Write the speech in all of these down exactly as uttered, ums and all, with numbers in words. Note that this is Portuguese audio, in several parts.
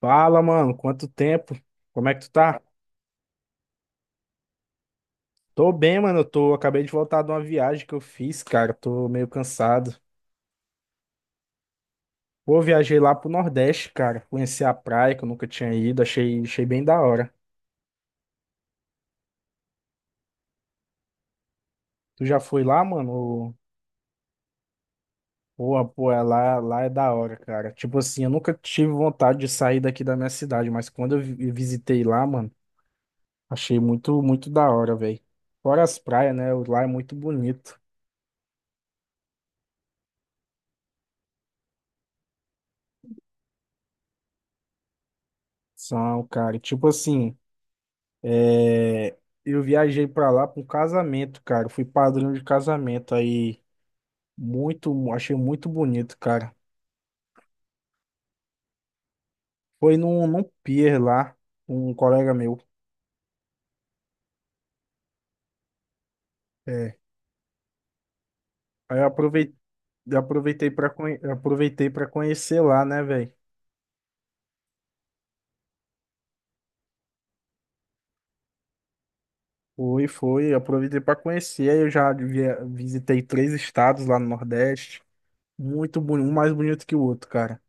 Fala, mano, quanto tempo? Como é que tu tá? Tô bem, mano, eu tô, acabei de voltar de uma viagem que eu fiz, cara, tô meio cansado. Pô, viajei lá pro Nordeste, cara, conheci a praia que eu nunca tinha ido, achei, achei bem da hora. Tu já foi lá, mano? Ou- Pô, pô, é lá, lá é da hora, cara. Tipo assim, eu nunca tive vontade de sair daqui da minha cidade, mas quando eu vi- visitei lá, mano, achei muito, muito da hora, velho. Fora as praias, né? Lá é muito bonito. São, cara, e tipo assim. É, eu viajei pra lá para um casamento, cara. Fui padrinho de casamento aí. Muito, achei muito bonito, cara. Foi num, num pier lá, com um colega meu. É. Aí eu aproveitei, aproveitei para aproveitei para conhecer lá, né, velho? Foi, foi, aproveitei para conhecer. Aí eu já via- visitei três estados lá no Nordeste. Muito bonito, um mais bonito que o outro, cara.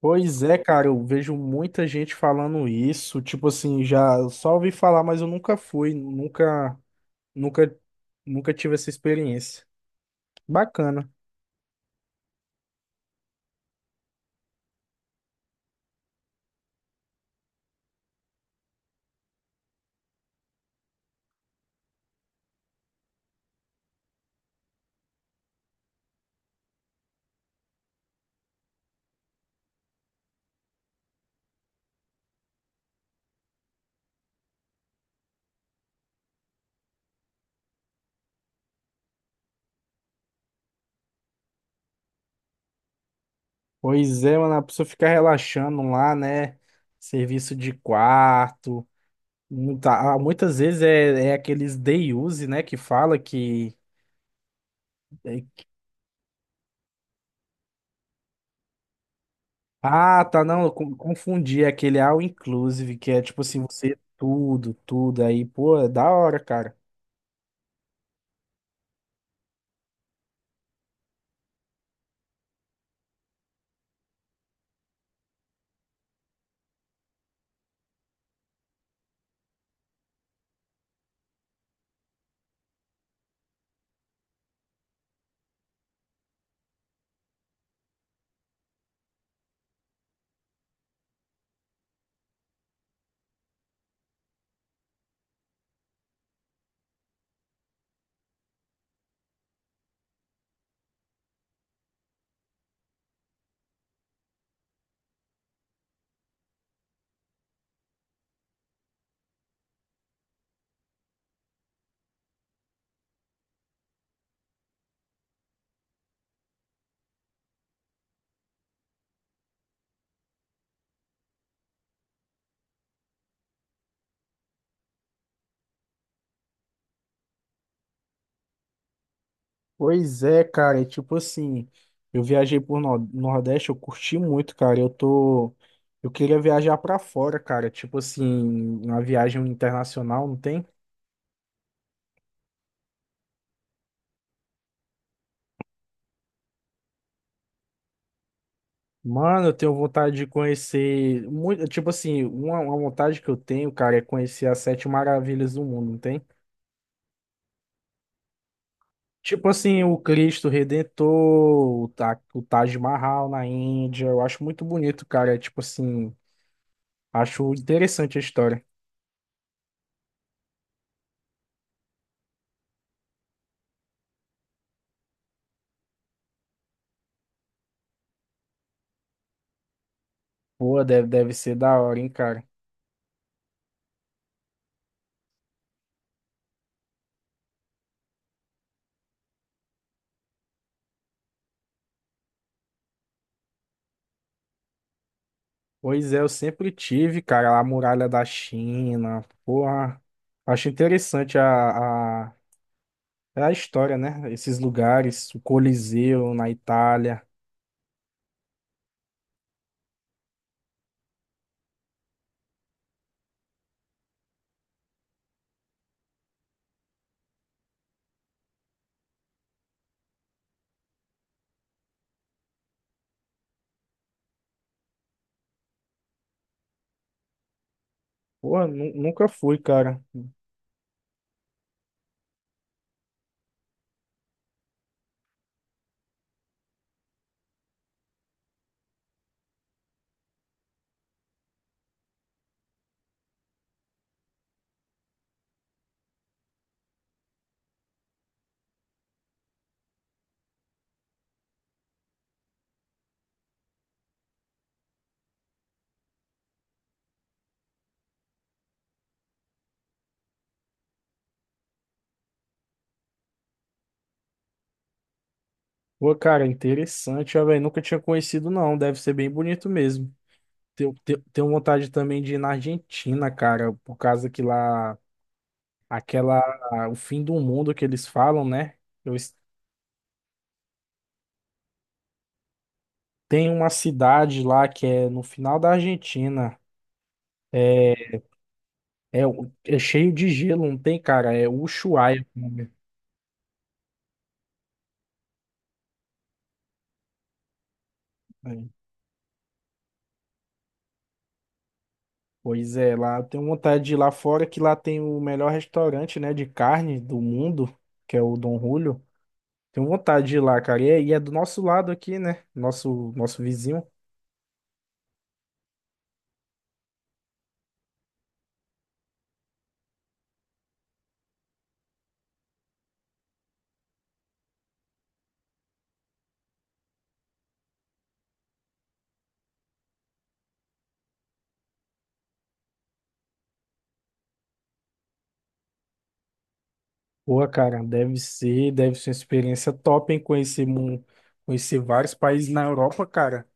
Pois é, cara, eu vejo muita gente falando isso, tipo assim, já eu só ouvi falar, mas eu nunca fui, nunca, nunca, nunca tive essa experiência. Bacana. Pois é, mano, a pessoa fica relaxando lá, né? Serviço de quarto. Muita, ah, muitas vezes é, é aqueles day use, né? Que fala que. é- ah, tá, não, eu con- confundi. É aquele all inclusive, que é tipo assim, você é tudo, tudo aí. Pô, é da hora, cara. Pois é, cara, e tipo assim, eu viajei por no- Nordeste, eu curti muito, cara. Eu tô eu queria viajar pra fora, cara, tipo assim, uma viagem internacional, não tem? Mano, eu tenho vontade de conhecer muito, tipo assim, uma, uma vontade que eu tenho, cara, é conhecer as sete maravilhas do mundo, não tem? Tipo assim, o Cristo Redentor, o, Ta- o Taj Mahal na Índia, eu acho muito bonito, cara. É tipo assim, acho interessante a história. Pô, deve, deve ser da hora, hein, cara. Pois é, eu sempre tive, cara, a muralha da China. Porra, acho interessante a, a, é a história, né? Esses lugares, o Coliseu na Itália. Porra, nu- nunca fui, cara. Pô, cara, interessante, ó, velho. Nunca tinha conhecido, não. Deve ser bem bonito mesmo. Tenho, tenho, tenho vontade também de ir na Argentina, cara, por causa que lá, aquela, o fim do mundo que eles falam, né? Eu, es- tem uma cidade lá que é no final da Argentina. É, É, o- é cheio de gelo, não tem, cara? É Ushuaia o nome. É. Pois é, lá eu tenho vontade de ir lá fora, que lá tem o melhor restaurante, né, de carne do mundo, que é o Dom Julio. Tenho vontade de ir lá, cara. E é, e é do nosso lado aqui, né? Nosso, nosso vizinho. Boa, cara, deve ser, deve ser uma experiência top, hein? Conhecer, mu- conhecer vários países na Europa, cara.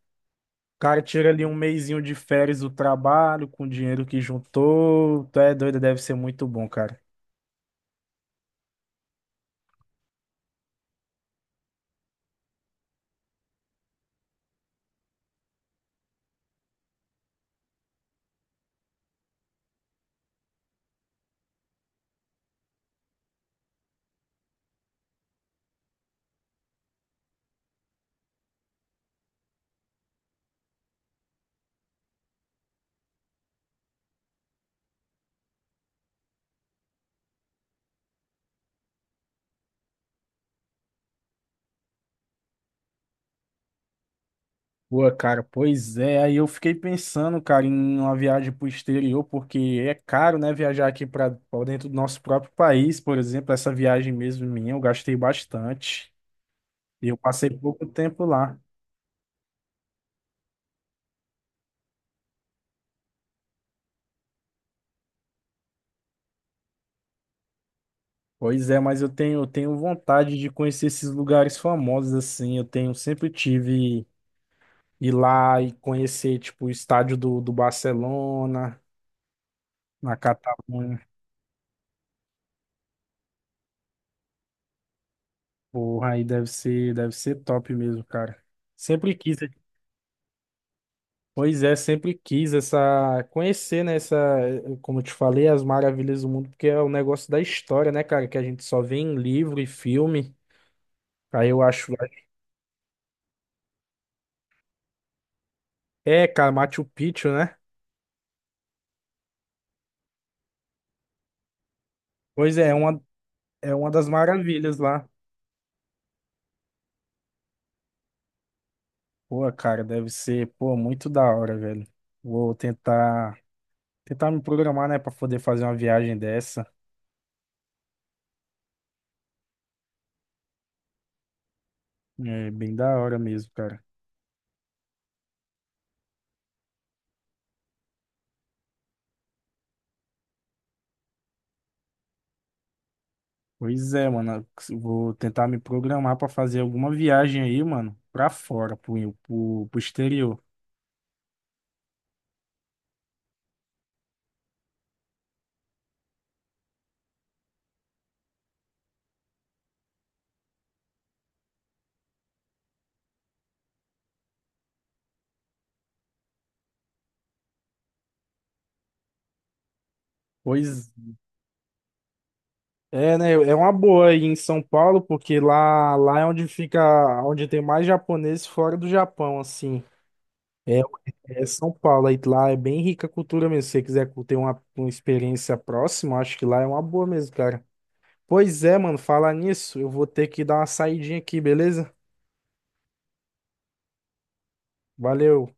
O cara tira ali um mesinho de férias do trabalho, com o dinheiro que juntou. Tu é doido, deve ser muito bom, cara. Pô, cara, pois é. Aí eu fiquei pensando, cara, em uma viagem pro exterior, porque é caro, né, viajar aqui para dentro do nosso próprio país, por exemplo, essa viagem mesmo minha, eu gastei bastante. E eu passei pouco tempo lá. Pois é, mas eu tenho, eu tenho vontade de conhecer esses lugares famosos, assim. Eu tenho, sempre tive ir lá e conhecer, tipo, o estádio do, do Barcelona, na Catalunha. Porra, aí deve ser, deve ser top mesmo, cara. Sempre quis. Pois é, sempre quis essa conhecer, né, essa, como eu te falei, as maravilhas do mundo, porque é um negócio da história, né, cara, que a gente só vê em livro e filme. Aí eu acho, é, cara, Machu Picchu, né? Pois é, é uma é uma das maravilhas lá. Pô, cara, deve ser, pô, muito da hora, velho. Vou tentar tentar me programar, né, pra poder fazer uma viagem dessa. É bem da hora mesmo, cara. Pois é, mano. Eu vou tentar me programar pra fazer alguma viagem aí, mano, pra fora, pro, pro, pro exterior. Pois é, né? É uma boa aí em São Paulo, porque lá, lá é onde fica, onde tem mais japonês fora do Japão, assim. É, é São Paulo, aí lá é bem rica a cultura mesmo. Se você quiser ter uma, uma experiência próxima, acho que lá é uma boa mesmo, cara. Pois é, mano, falar nisso, eu vou ter que dar uma saidinha aqui, beleza? Valeu.